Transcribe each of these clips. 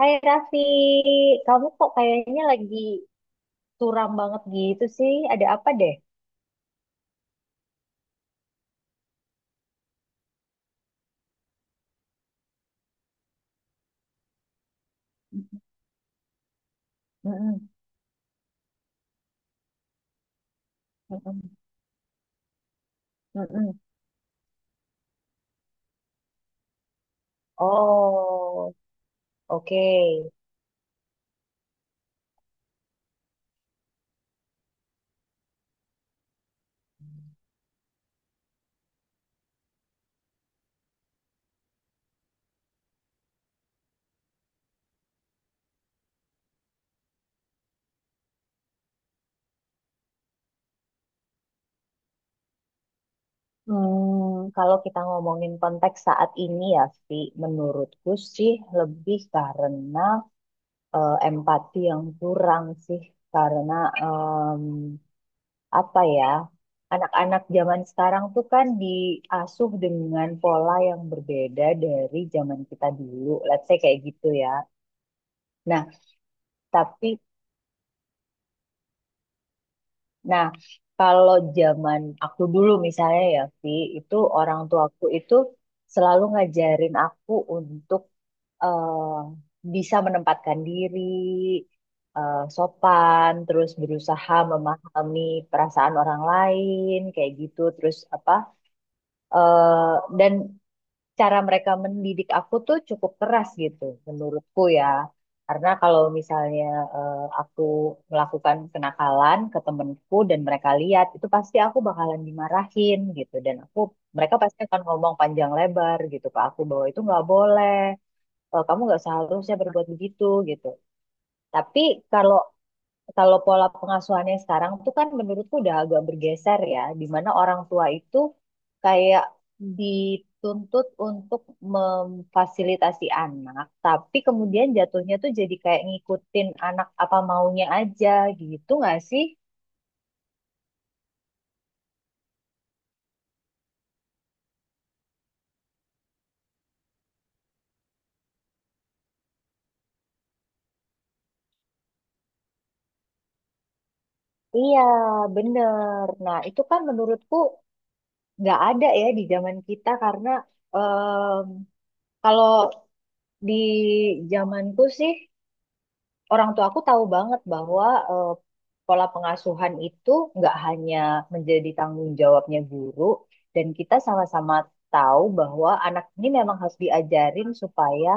Hai Raffi, kamu kok kayaknya lagi suram banget gitu sih? Ada apa deh? Mm-mm, mm-mm, mm-mm. Oh, oke. Hmm, kalau kita ngomongin konteks saat ini ya, Fi, menurutku sih lebih karena empati yang kurang sih, karena apa ya, anak-anak zaman sekarang tuh kan diasuh dengan pola yang berbeda dari zaman kita dulu. Let's say kayak gitu ya. Nah, tapi nah kalau zaman aku dulu misalnya ya, Vi, itu orang tuaku itu selalu ngajarin aku untuk bisa menempatkan diri, sopan, terus berusaha memahami perasaan orang lain, kayak gitu, terus apa? eh dan cara mereka mendidik aku tuh cukup keras gitu menurutku ya. Karena kalau misalnya aku melakukan kenakalan ke temenku dan mereka lihat, itu pasti aku bakalan dimarahin gitu. Dan mereka pasti akan ngomong panjang lebar gitu ke aku bahwa itu nggak boleh, kamu nggak seharusnya berbuat begitu gitu. Tapi kalau kalau pola pengasuhannya sekarang tuh kan menurutku udah agak bergeser ya, di mana orang tua itu kayak dituntut untuk memfasilitasi anak, tapi kemudian jatuhnya tuh jadi kayak ngikutin anak apa maunya aja gitu nggak sih? Iya, bener. Nah, itu kan menurutku nggak ada ya di zaman kita karena em, kalau di zamanku sih orang tua aku tahu banget bahwa eh, pola pengasuhan itu nggak hanya menjadi tanggung jawabnya guru, dan kita sama-sama tahu bahwa anak ini memang harus diajarin supaya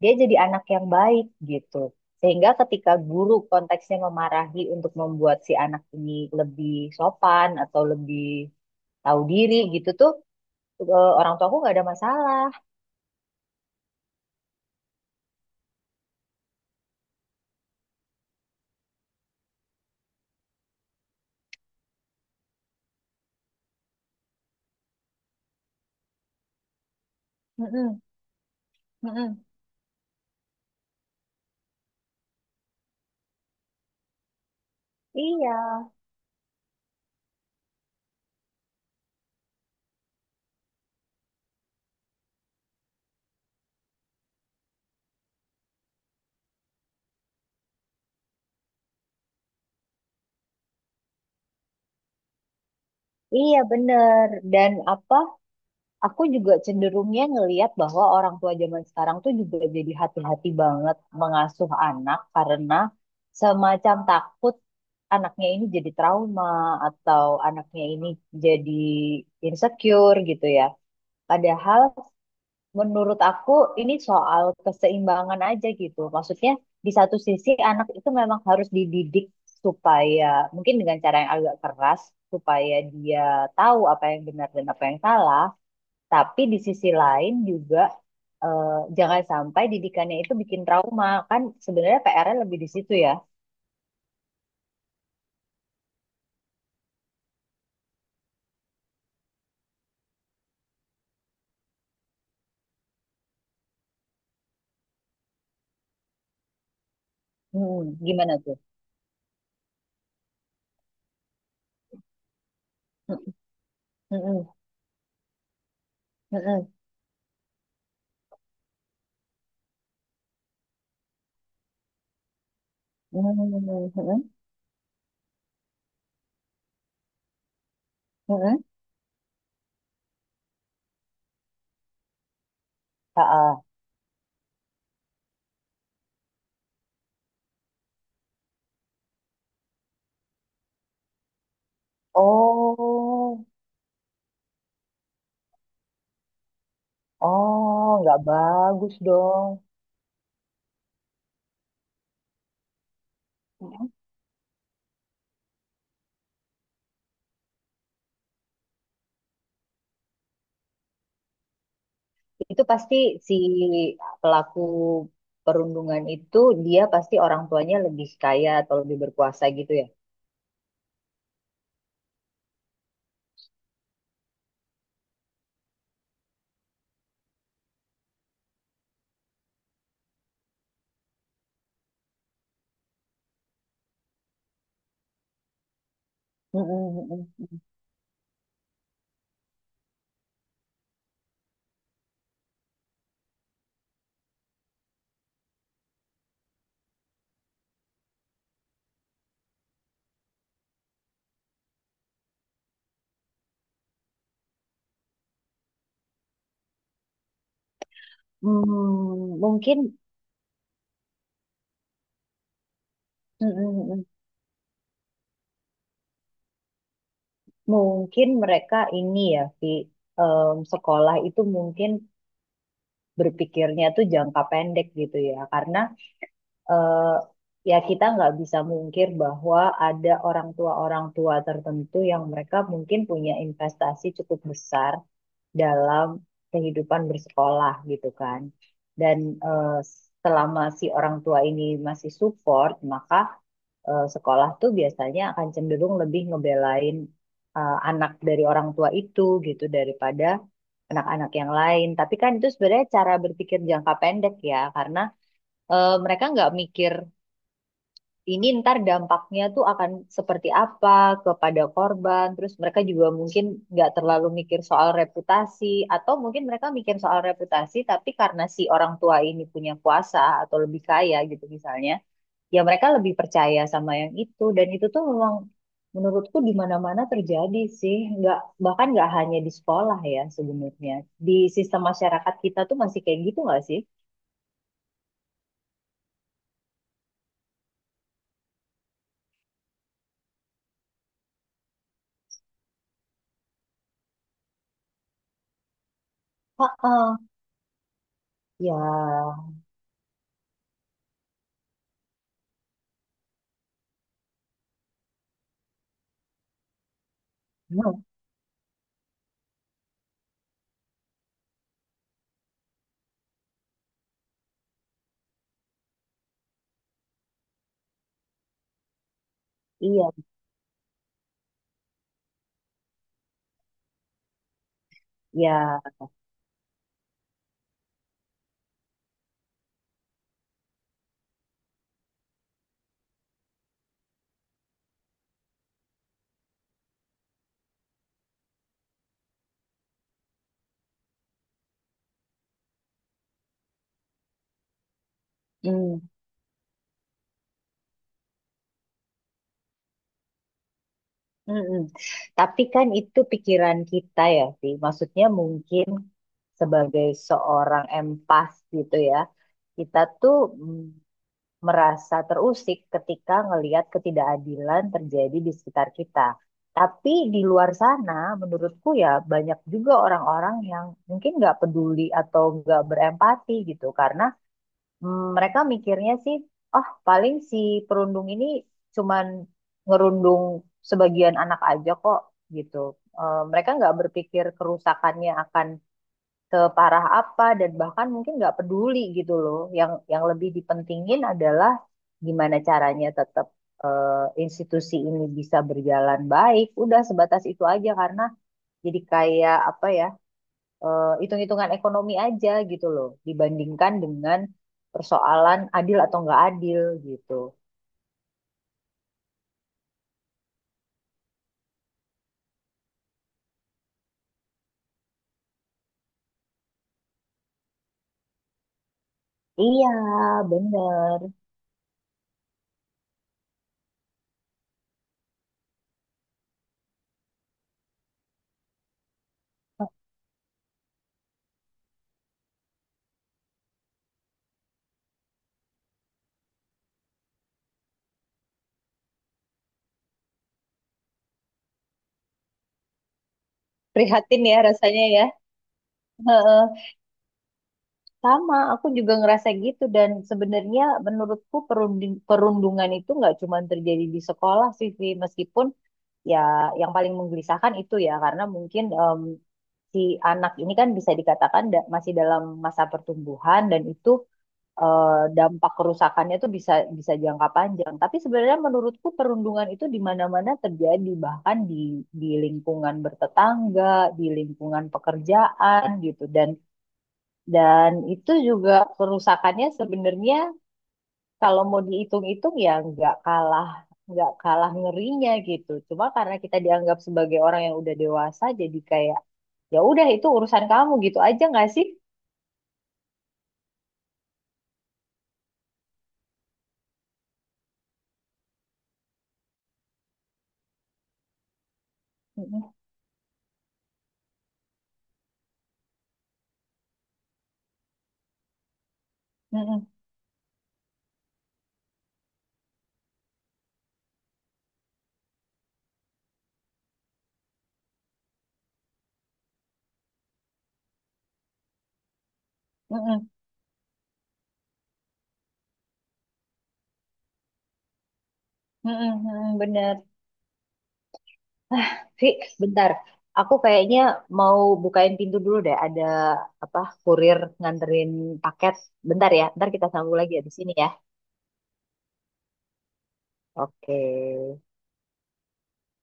dia jadi anak yang baik gitu. Sehingga ketika guru konteksnya memarahi untuk membuat si anak ini lebih sopan atau lebih tahu diri gitu tuh, orang tuaku nggak ada masalah. Mm-mm, mm-mm. Iya, iya bener. Dan apa? Aku juga cenderungnya ngelihat bahwa orang tua zaman sekarang tuh juga jadi hati-hati banget mengasuh anak karena semacam takut anaknya ini jadi trauma atau anaknya ini jadi insecure gitu ya. Padahal menurut aku ini soal keseimbangan aja gitu. Maksudnya di satu sisi anak itu memang harus dididik supaya mungkin dengan cara yang agak keras supaya dia tahu apa yang benar dan apa yang salah. Tapi di sisi lain juga eh, jangan sampai didikannya itu bikin trauma. Kan sebenarnya PR-nya lebih di situ ya. mm Gimana tuh? Mm-mm. Mm-mm. Mm-mm. Mm-mm. Oh, oh, nggak bagus dong. mm Itu pasti si pelaku perundungan itu dia pasti orang tuanya lebih kaya atau lebih berkuasa gitu ya. Mm-mm. Mm-mm. Hmm, hmm, hmm. Hmm, mungkin. Mm-mm. Mungkin mereka ini ya, Vi, sekolah itu mungkin berpikirnya tuh jangka pendek gitu ya, karena eh, ya kita nggak bisa mungkir bahwa ada orang tua-orang tua tertentu yang mereka mungkin punya investasi cukup besar dalam kehidupan bersekolah gitu kan. Dan eh, selama si orang tua ini masih support, maka sekolah tuh biasanya akan cenderung lebih ngebelain anak dari orang tua itu gitu daripada anak-anak yang lain. Tapi kan itu sebenarnya cara berpikir jangka pendek ya, karena mereka nggak mikir ini ntar dampaknya tuh akan seperti apa kepada korban. Terus mereka juga mungkin nggak terlalu mikir soal reputasi, atau mungkin mereka mikir soal reputasi, tapi karena si orang tua ini punya kuasa atau lebih kaya gitu misalnya ya mereka lebih percaya sama yang itu dan itu tuh memang menurutku di mana-mana terjadi sih nggak bahkan nggak hanya di sekolah ya sebenarnya di sistem masyarakat kita tuh masih kayak gitu nggak sih. Heeh. Ya hmm, iya ya hmm, mm-mm. Tapi kan itu pikiran kita ya sih maksudnya mungkin sebagai seorang empas gitu ya kita tuh mm, merasa terusik ketika ngelihat ketidakadilan terjadi di sekitar kita. Tapi di luar sana, menurutku ya banyak juga orang-orang yang mungkin nggak peduli atau nggak berempati gitu, karena mereka mikirnya sih, oh paling si perundung ini cuman ngerundung sebagian anak aja kok gitu. Eh, mereka nggak berpikir kerusakannya akan separah apa dan bahkan mungkin nggak peduli gitu loh. Yang lebih dipentingin adalah gimana caranya tetap eh, institusi ini bisa berjalan baik. Udah sebatas itu aja karena jadi kayak apa ya hitung-hitungan ekonomi aja gitu loh dibandingkan dengan persoalan adil atau nggak adil gitu. Iya, bener. Prihatin ya rasanya ya. Sama, aku juga ngerasa gitu dan sebenarnya menurutku perundungan itu nggak cuma terjadi di sekolah sih, Vi. Meskipun ya yang paling menggelisahkan itu ya karena mungkin em, si anak ini kan bisa dikatakan masih dalam masa pertumbuhan dan itu eh, dampak kerusakannya tuh bisa bisa jangka panjang. Tapi sebenarnya menurutku perundungan itu di mana-mana terjadi, bahkan di lingkungan bertetangga, di lingkungan pekerjaan gitu dan itu juga kerusakannya sebenarnya kalau mau dihitung-hitung ya nggak kalah ngerinya gitu. Cuma karena kita dianggap sebagai orang yang udah dewasa jadi kayak ya udah itu urusan kamu gitu aja nggak sih? Mm-mm, mm-mm, mm-mm, mm-mm, mm-mm, bener. Vi, bentar. Aku kayaknya mau bukain pintu dulu deh. Ada apa kurir nganterin paket. Bentar ya. Ntar kita sambung lagi ya di sini ya. Oke.